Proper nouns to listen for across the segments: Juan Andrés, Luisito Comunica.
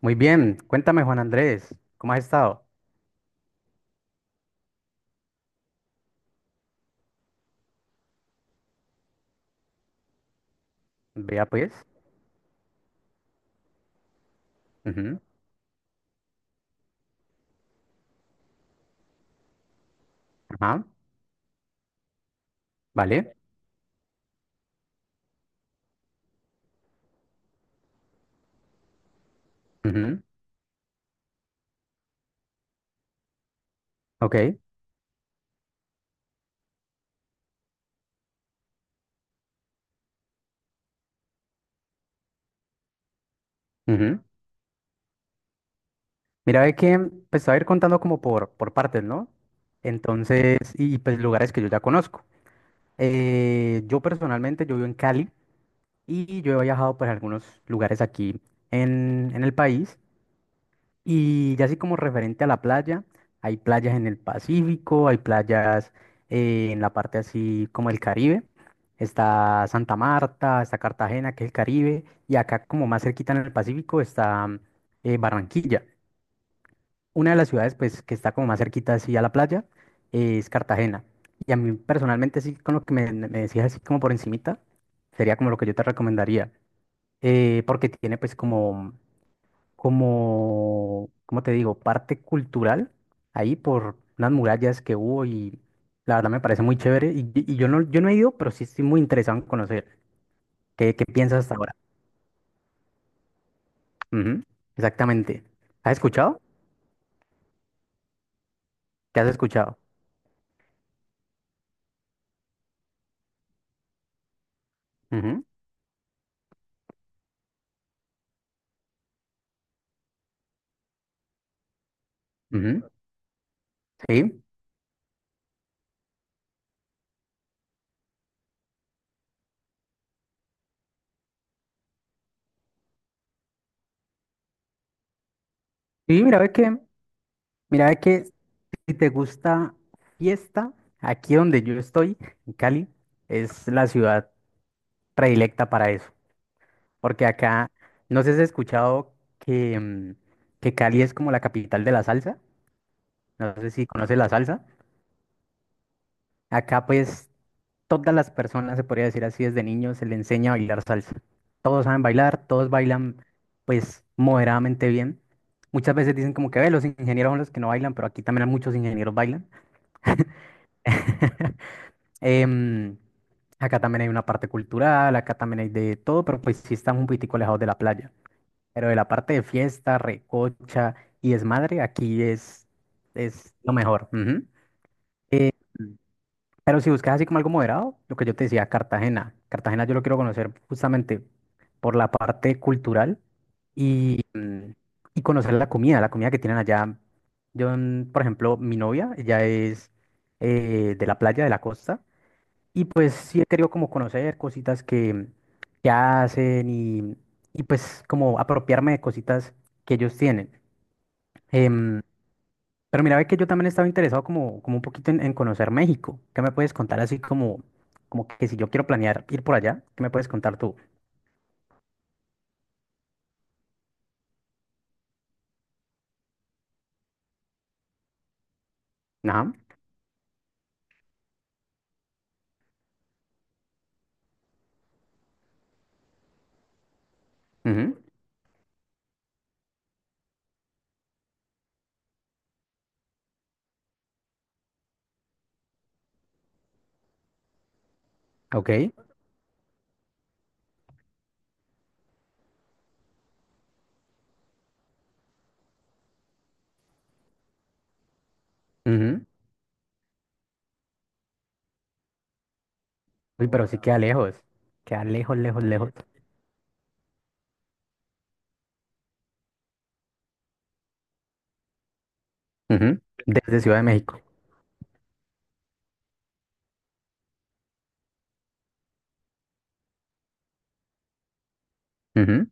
Muy bien, cuéntame Juan Andrés, ¿cómo has estado? Vea pues. Ujú. Ajá. Vale. Ujú. Ok. Ujú. Mira, ve que pues te voy a ir contando como por partes, ¿no? Entonces, y pues lugares que yo ya conozco. Yo personalmente, yo vivo en Cali y yo he viajado por algunos lugares aquí en el país. Y ya así como referente a la playa, hay playas en el Pacífico, hay playas en la parte así como el Caribe. Está Santa Marta, está Cartagena, que es el Caribe, y acá como más cerquita en el Pacífico está Barranquilla. Una de las ciudades pues que está como más cerquita así a la playa es Cartagena. Y a mí personalmente sí, con lo que me decías así como por encimita, sería como lo que yo te recomendaría, porque tiene pues como, ¿cómo te digo?, parte cultural ahí por unas murallas que hubo, y la verdad me parece muy chévere. Y yo no he ido, pero sí estoy muy interesado en conocer. ¿Qué piensas hasta ahora? Ujú. Exactamente. ¿Has escuchado? ¿Qué has escuchado? Ujú, ujú. Sí. Sí, mira, ve que si te gusta fiesta, aquí donde yo estoy, en Cali, es la ciudad predilecta para eso. Porque acá, no sé si has escuchado que Cali es como la capital de la salsa. No sé si conoces la salsa. Acá, pues, todas las personas, se podría decir así, desde niños se le enseña a bailar salsa. Todos saben bailar, todos bailan, pues, moderadamente bien. Muchas veces dicen como que, ve, los ingenieros son los que no bailan, pero aquí también muchos ingenieros bailan. Em, Acá también hay una parte cultural, acá también hay de todo, pero pues sí estamos un poquitico alejados de la playa. Pero de la parte de fiesta, recocha y desmadre, aquí es lo mejor. Ujú. Mm. Pero si buscas así como algo moderado, lo que yo te decía, Cartagena. Cartagena yo lo quiero conocer justamente por la parte cultural y, mm, y conocer la comida que tienen allá. Yo, por ejemplo, mi novia, ella es de la playa, de la costa, y pues sí he querido como conocer cositas que hacen, y pues como apropiarme de cositas que ellos tienen. Em, pero mira, ve que yo también estaba interesado como un poquito en conocer México. ¿Qué me puedes contar así como que si yo quiero planear ir por allá, qué me puedes contar tú? Ajá. Ujú. Ok. Ujú. Uy, pero sí queda lejos. Queda lejos, lejos, lejos. Ujú. Desde Ciudad de México. Ujú.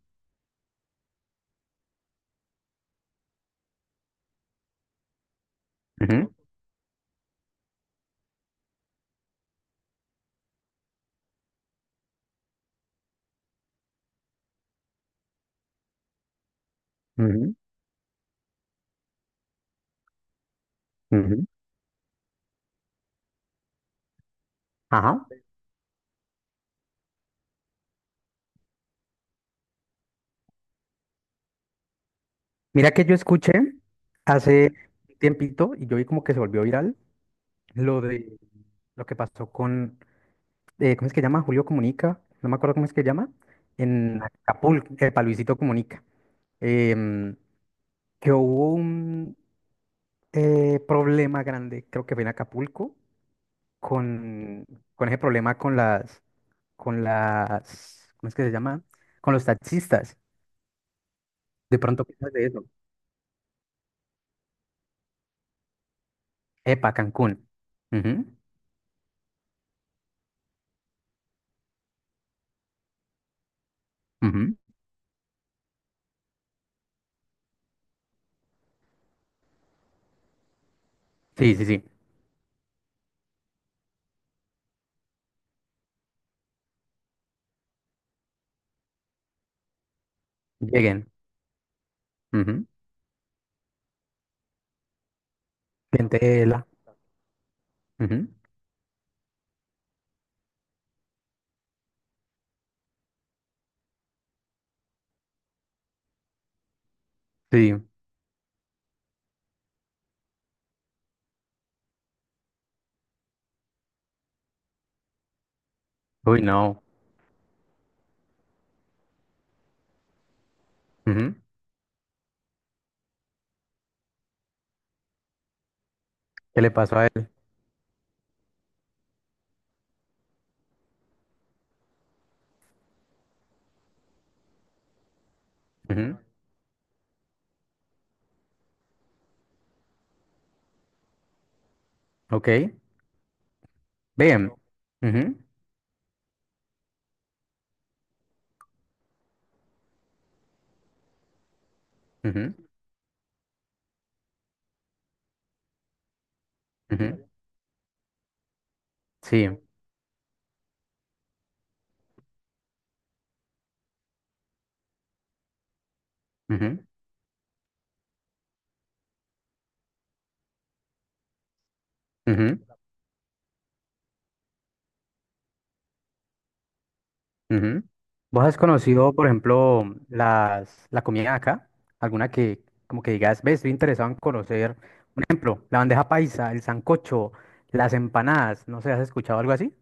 Ujú. Ujú. Ujú. Ajá. Mira que yo escuché hace un tiempito y yo vi como que se volvió viral lo de lo que pasó con ¿cómo es que llama? Julio Comunica, no me acuerdo cómo es que llama, en Acapulco, para Luisito Comunica, em, que hubo un problema grande, creo que fue en Acapulco, con, con ese problema con las, ¿cómo es que se llama? Con los taxistas. De pronto, ¿qué sabes de eso? Epa, Cancún. Ujú, ujú. Sí, sí, sí. Lleguen. Ujú. Clientela. Ujú. Sí. Uy, no. Ujú. ¿Qué le pasó a él? Ujú. Ok. Bien. Ujú, ujú, ujú. Sí. Ujú, ujú, ujú. ¿Vos has conocido, por ejemplo, la comida de acá? ¿Alguna que como que digas, ves, estoy interesado en conocer? Por ejemplo, la bandeja paisa, el sancocho, las empanadas. No sé, ¿has escuchado algo así?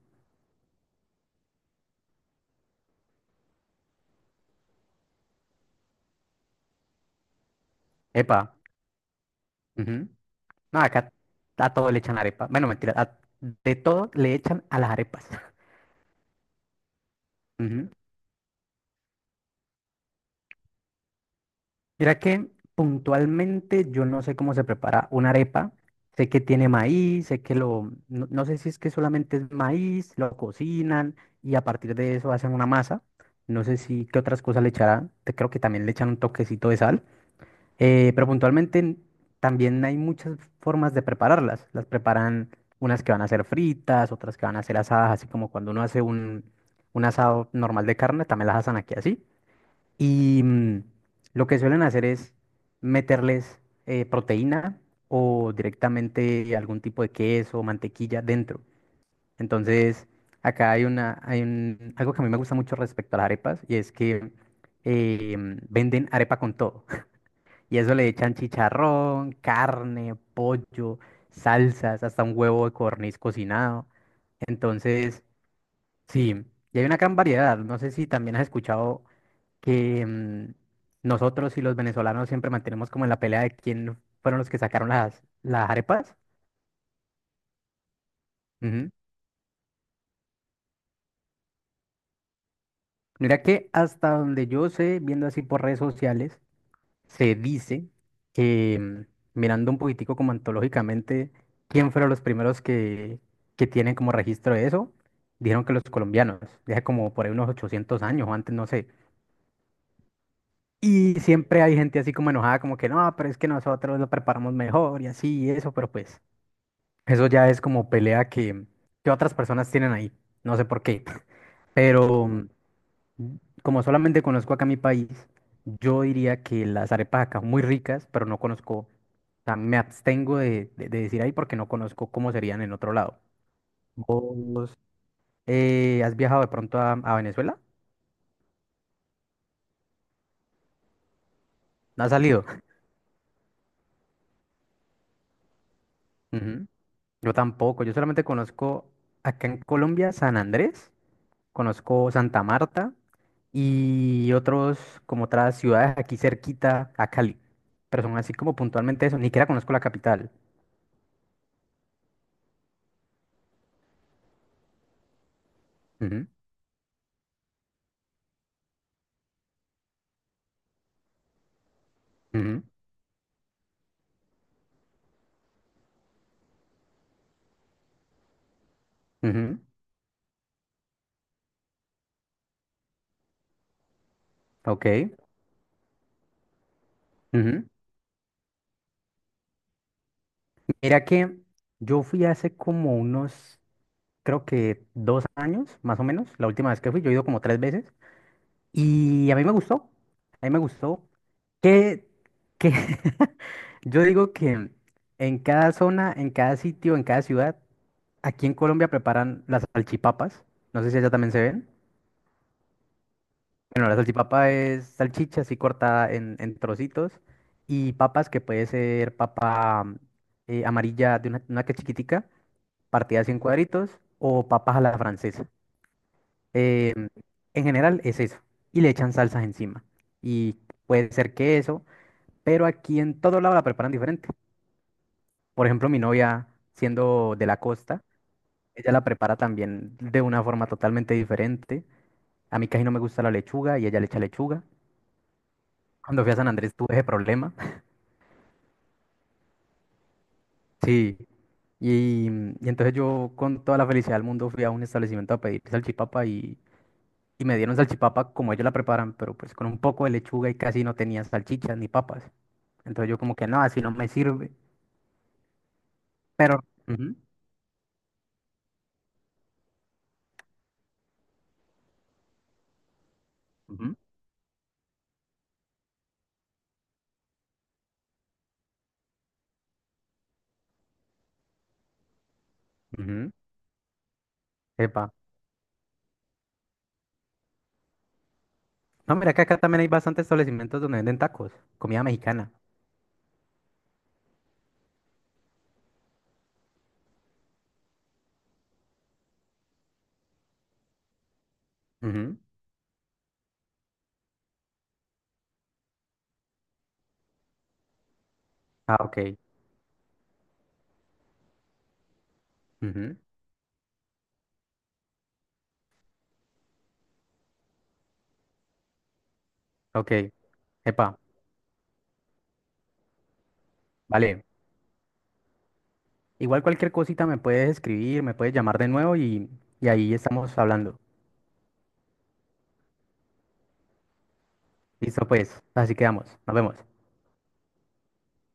Epa. Ujú. No, acá a todo le echan arepa. Bueno, mentira, de todo le echan a las arepas. Ujú. Mira que puntualmente yo no sé cómo se prepara una arepa. Sé que tiene maíz, sé que lo, no, no sé si es que solamente es maíz, lo cocinan y a partir de eso hacen una masa. No sé si qué otras cosas le echarán. Creo que también le echan un toquecito de sal. Pero puntualmente también hay muchas formas de prepararlas. Las preparan unas que van a ser fritas, otras que van a ser asadas, así como cuando uno hace un asado normal de carne, también las asan aquí así. Y lo que suelen hacer es meterles proteína o directamente algún tipo de queso o mantequilla dentro. Entonces, acá hay una, hay un- algo que a mí me gusta mucho respecto a las arepas, y es que venden arepa con todo. Y eso le echan chicharrón, carne, pollo, salsas, hasta un huevo de codorniz cocinado. Entonces, sí, y hay una gran variedad. No sé si también has escuchado que nosotros y los venezolanos siempre mantenemos como en la pelea de quién fueron los que sacaron las arepas. Ujú. Mira que hasta donde yo sé, viendo así por redes sociales, se dice que mirando un poquitico como antológicamente, quién fueron los primeros que tienen como registro de eso, dijeron que los colombianos, ya como por ahí unos 800 años o antes, no sé. Y siempre hay gente así como enojada, como que no, pero es que nosotros lo preparamos mejor y así y eso, pero pues eso ya es como pelea que otras personas tienen ahí. No sé por qué. Pero como solamente conozco acá mi país, yo diría que las arepas acá son muy ricas, pero no conozco, o sea, me abstengo de decir ahí porque no conozco cómo serían en otro lado. ¿Vos has viajado de pronto a Venezuela? ¿No has salido? Ujú. Yo tampoco, yo solamente conozco acá en Colombia San Andrés. Conozco Santa Marta y otros como otras ciudades aquí cerquita a Cali, pero son así como puntualmente eso, ni siquiera conozco la capital. Ujú, ujú, ujú. Ok. Ujú. Mira que yo fui hace como unos, creo que 2 años, más o menos, la última vez que fui, yo he ido como tres veces. Y a mí me gustó que, que yo digo que en cada zona, en cada sitio, en cada ciudad, aquí en Colombia preparan las salchipapas. No sé si allá también se ven. Bueno, la salchipapa es salchicha así cortada en trocitos y papas que puede ser papa amarilla, de una que chiquitica, partida así en cuadritos, o papas a la francesa. Eh, en general es eso. Y le echan salsas encima. Y puede ser queso, pero aquí en todo lado la preparan diferente. Por ejemplo, mi novia, siendo de la costa, ella la prepara también de una forma totalmente diferente. A mí casi no me gusta la lechuga y ella le echa lechuga. Cuando fui a San Andrés tuve ese problema. Sí. Y entonces yo con toda la felicidad del mundo fui a un establecimiento a pedir salchipapa, y me dieron salchipapa como ellos la preparan, pero pues con un poco de lechuga y casi no tenía salchichas ni papas. Entonces yo como que no, así no me sirve. Pero, ujú. Ujú. Ujú. Epa. No, mira que acá también hay bastantes establecimientos donde venden tacos, comida mexicana. Ujú. Ah, ok. Ujú. Ok. Epa, vale. Igual cualquier cosita me puedes escribir, me puedes llamar de nuevo, y ahí estamos hablando. Listo, pues. Así quedamos. Nos vemos.